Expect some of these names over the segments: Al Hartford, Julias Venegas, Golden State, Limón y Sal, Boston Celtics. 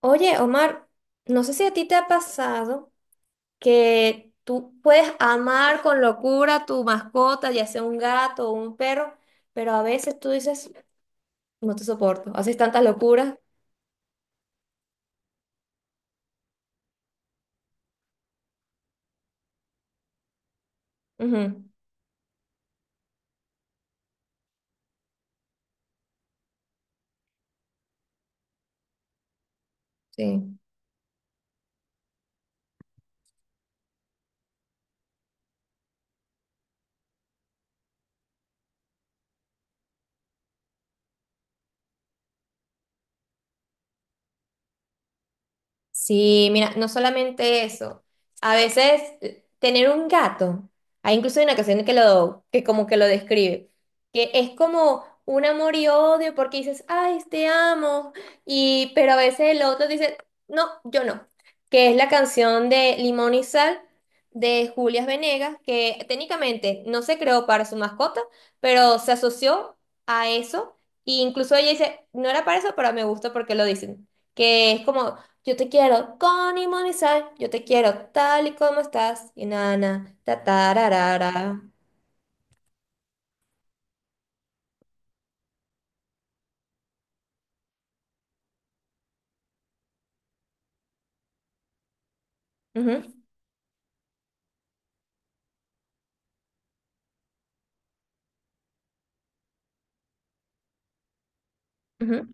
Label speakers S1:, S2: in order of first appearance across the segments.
S1: Oye, Omar, no sé si a ti te ha pasado que tú puedes amar con locura a tu mascota, ya sea un gato o un perro, pero a veces tú dices, no te soporto, haces tantas locuras. Ujú. Sí. Sí, mira, no solamente eso. A veces tener un gato, hay incluso una canción que que como que lo describe, que es como un amor y odio porque dices, ay, te amo, y pero a veces el otro dice, no, yo no, que es la canción de Limón y Sal de Julias Venegas, que técnicamente no se creó para su mascota, pero se asoció a eso, e incluso ella dice, no era para eso, pero me gusta porque lo dicen, que es como yo te quiero con y sal, yo te quiero tal y como estás, y nana, ra, ra, ra. Ujú, ujú.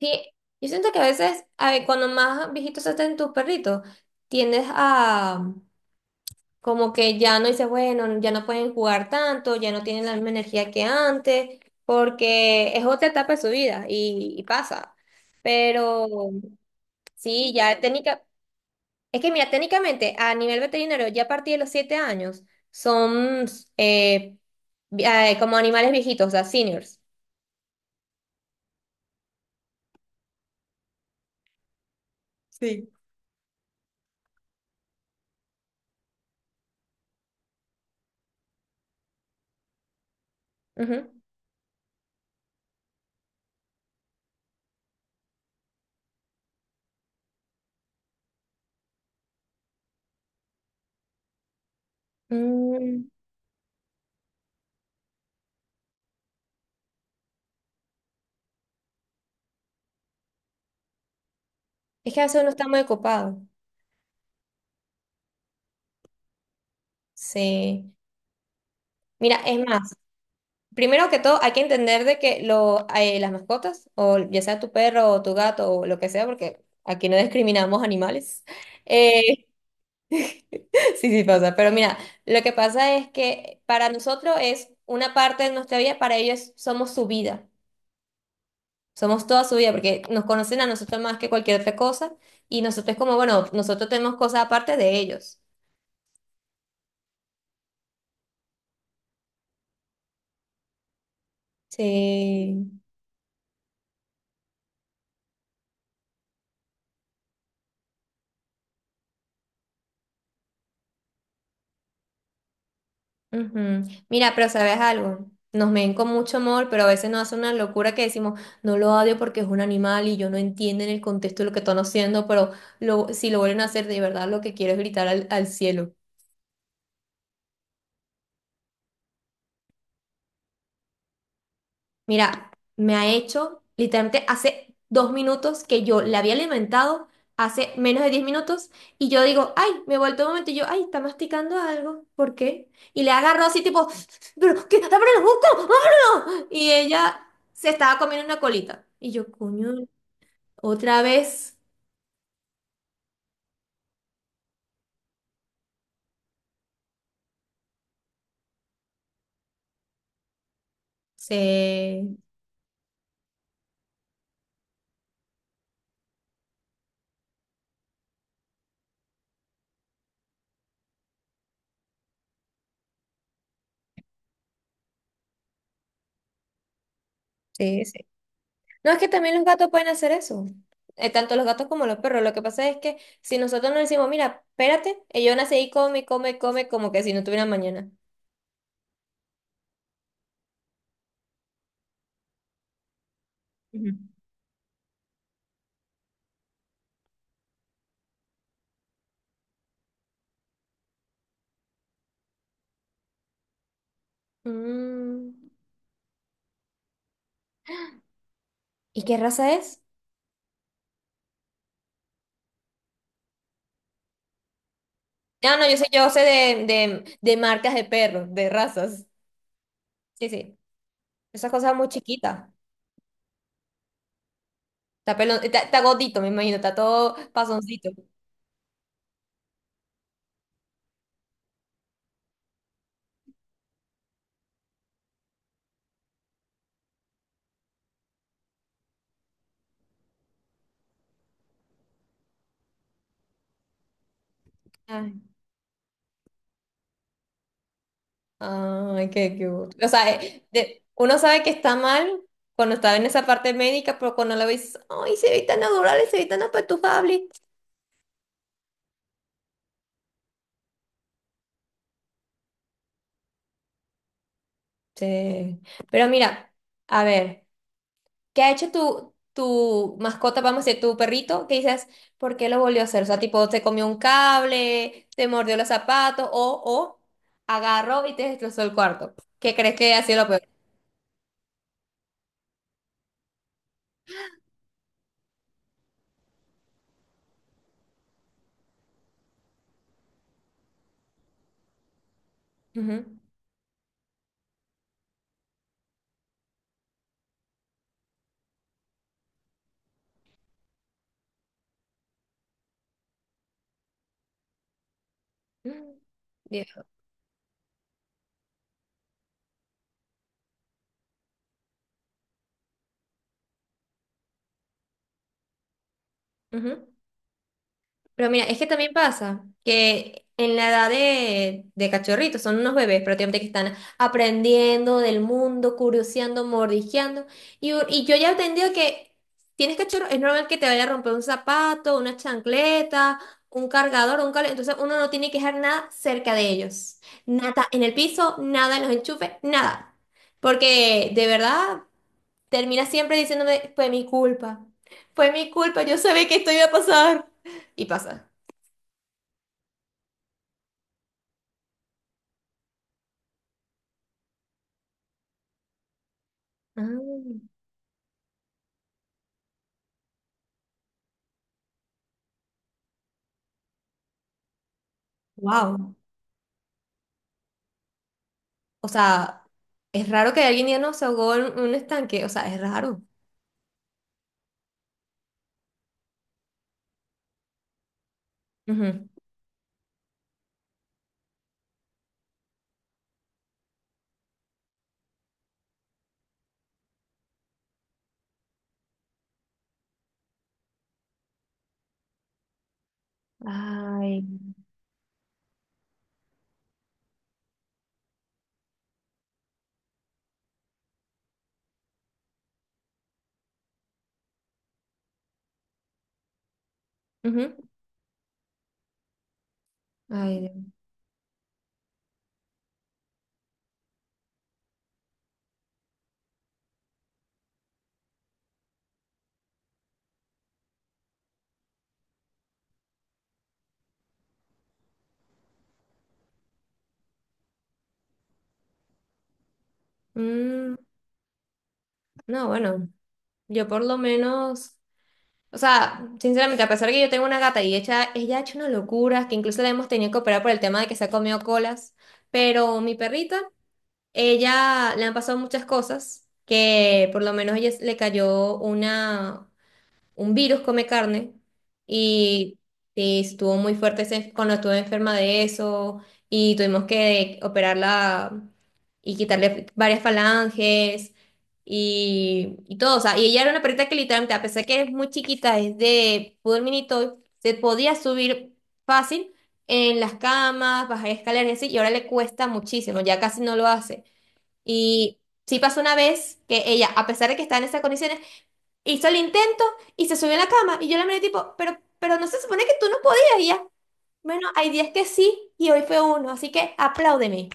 S1: Sí, yo siento que a veces, a ver, cuando más viejitos se hacen tus perritos, tiendes a como que ya no dices, bueno, ya no pueden jugar tanto, ya no tienen la misma energía que antes, porque es otra etapa de su vida y pasa. Pero sí, ya técnica. Es que mira, técnicamente a nivel veterinario, ya a partir de los 7 años, son eh, como animales viejitos, o sea, seniors. Sí. Ujú. Mm, es que a veces uno está muy ocupado. Sí. Mira, es más, primero que todo hay que entender de que las mascotas, o ya sea tu perro o tu gato o lo que sea, porque aquí no discriminamos animales. Eh, sí, sí pasa. Pero mira, lo que pasa es que para nosotros es una parte de nuestra vida, para ellos somos su vida. Somos toda su vida, porque nos conocen a nosotros más que cualquier otra cosa, y nosotros como, bueno, nosotros tenemos cosas aparte de ellos. Sí. Ujú. Mira, pero ¿sabes algo? Nos ven con mucho amor, pero a veces nos hace una locura que decimos, no lo odio porque es un animal y yo no entiendo en el contexto de lo que están haciendo, pero si lo vuelven a hacer, de verdad lo que quiero es gritar al cielo. Mira, me ha hecho literalmente hace 2 minutos que yo la había alimentado, hace menos de 10 minutos, y yo digo, ay, me he vuelto un momento, y yo, ay, está masticando algo, ¿por qué? Y le agarró así tipo, pero, ¿qué? ¡Ábrelo, busco! ¡Ábrelo! Y ella se estaba comiendo una colita. Y yo, coño, otra vez se... No, es que también los gatos pueden hacer eso. Tanto los gatos como los perros. Lo que pasa es que si nosotros nos decimos, mira, espérate, ellos van a seguir come, come, come, como que si no tuvieran mañana. Ujú. Mm. ¿Y qué raza es? Ah, no, yo sé de marcas de perros, de razas. Sí, sí. Esas cosas muy chiquitas. Está pelón, está gordito, me imagino, está todo pasoncito. Ay, qué cute. O sea, uno sabe que está mal cuando está en esa parte médica, pero cuando lo ves, ay, se ve tan adorable, se ve tan apetujable. Sí. Pero mira, a ver, ¿qué ha hecho tu mascota, vamos a decir, tu perrito? ¿Qué dices? ¿Por qué lo volvió a hacer? O sea, tipo, te comió un cable, te mordió los zapatos, o agarró y te destrozó el cuarto. ¿Qué crees que ha sido lo peor? Ujú. Bien. Pero mira, es que también pasa que en la edad de cachorritos, son unos bebés prácticamente que están aprendiendo del mundo, curioseando, mordisqueando. Y yo ya he entendido que tienes cachorro, es normal que te vaya a romper un zapato, una chancleta, un cargador, un cable. Entonces uno no tiene que dejar nada cerca de ellos. Nada en el piso, nada en los enchufes, nada. Porque de verdad termina siempre diciéndome, fue mi culpa, yo sabía que esto iba a pasar. Y pasa. Wow. O sea, es raro que alguien ya no se ahogó en un estanque. O sea, es raro. Ujú. Ay. Ujú. Ay, Dios. Mm, no, bueno, yo por lo menos, o sea, sinceramente, a pesar de que yo tengo una gata y ella ha hecho una locura, que incluso la hemos tenido que operar por el tema de que se ha comido colas, pero mi perrita, ella le han pasado muchas cosas, que por lo menos ella le cayó un virus come carne y, y estuvo muy fuerte ese- cuando estuve enferma de eso y tuvimos que operarla y quitarle varias falanges y todo. O sea, y ella era una perrita que literalmente, a pesar que es muy chiquita, es de poodle mini toy, se podía subir fácil en las camas, bajar escaleras y así, y ahora le cuesta muchísimo, ya casi no lo hace. Y sí pasó una vez que ella, a pesar de que estaba en esas condiciones, hizo el intento y se subió a la cama y yo la miré tipo, pero no se supone que tú no podías y ya. Bueno, hay días que sí y hoy fue uno, así que apláudeme.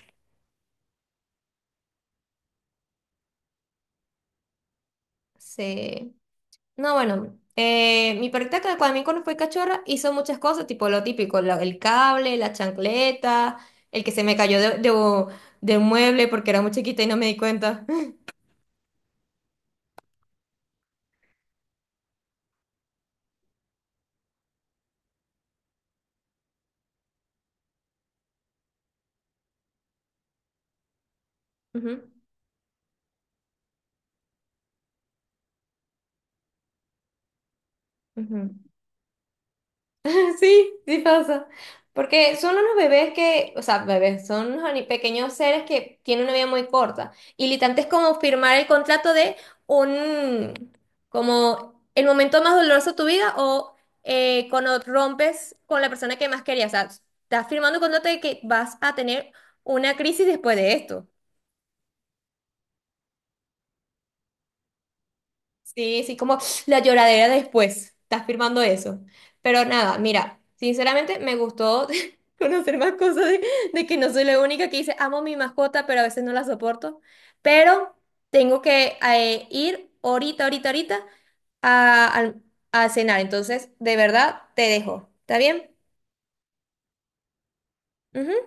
S1: Sí. No, bueno, mi perrita que cuando, a mí cuando fue cachorra hizo muchas cosas, tipo lo típico, el cable, la chancleta, el que se me cayó de un mueble porque era muy chiquita y no me di cuenta. Ujú, ujú. Sí, sí pasa. Porque son unos bebés que, o sea, bebés, son unos pequeños seres que tienen una vida muy corta. Y literalmente es como firmar el contrato de un, como el momento más doloroso de tu vida o cuando rompes con la persona que más querías. O sea, estás firmando un contrato de que vas a tener una crisis después de esto. Sí, sí, como la lloradera después. Estás firmando eso. Pero nada, mira, sinceramente me gustó conocer más cosas de que no soy la única que dice, amo mi mascota, pero a veces no la soporto. Pero tengo que ir ahorita a, al- a cenar. Entonces, de verdad, te dejo. ¿Está bien? Ujú.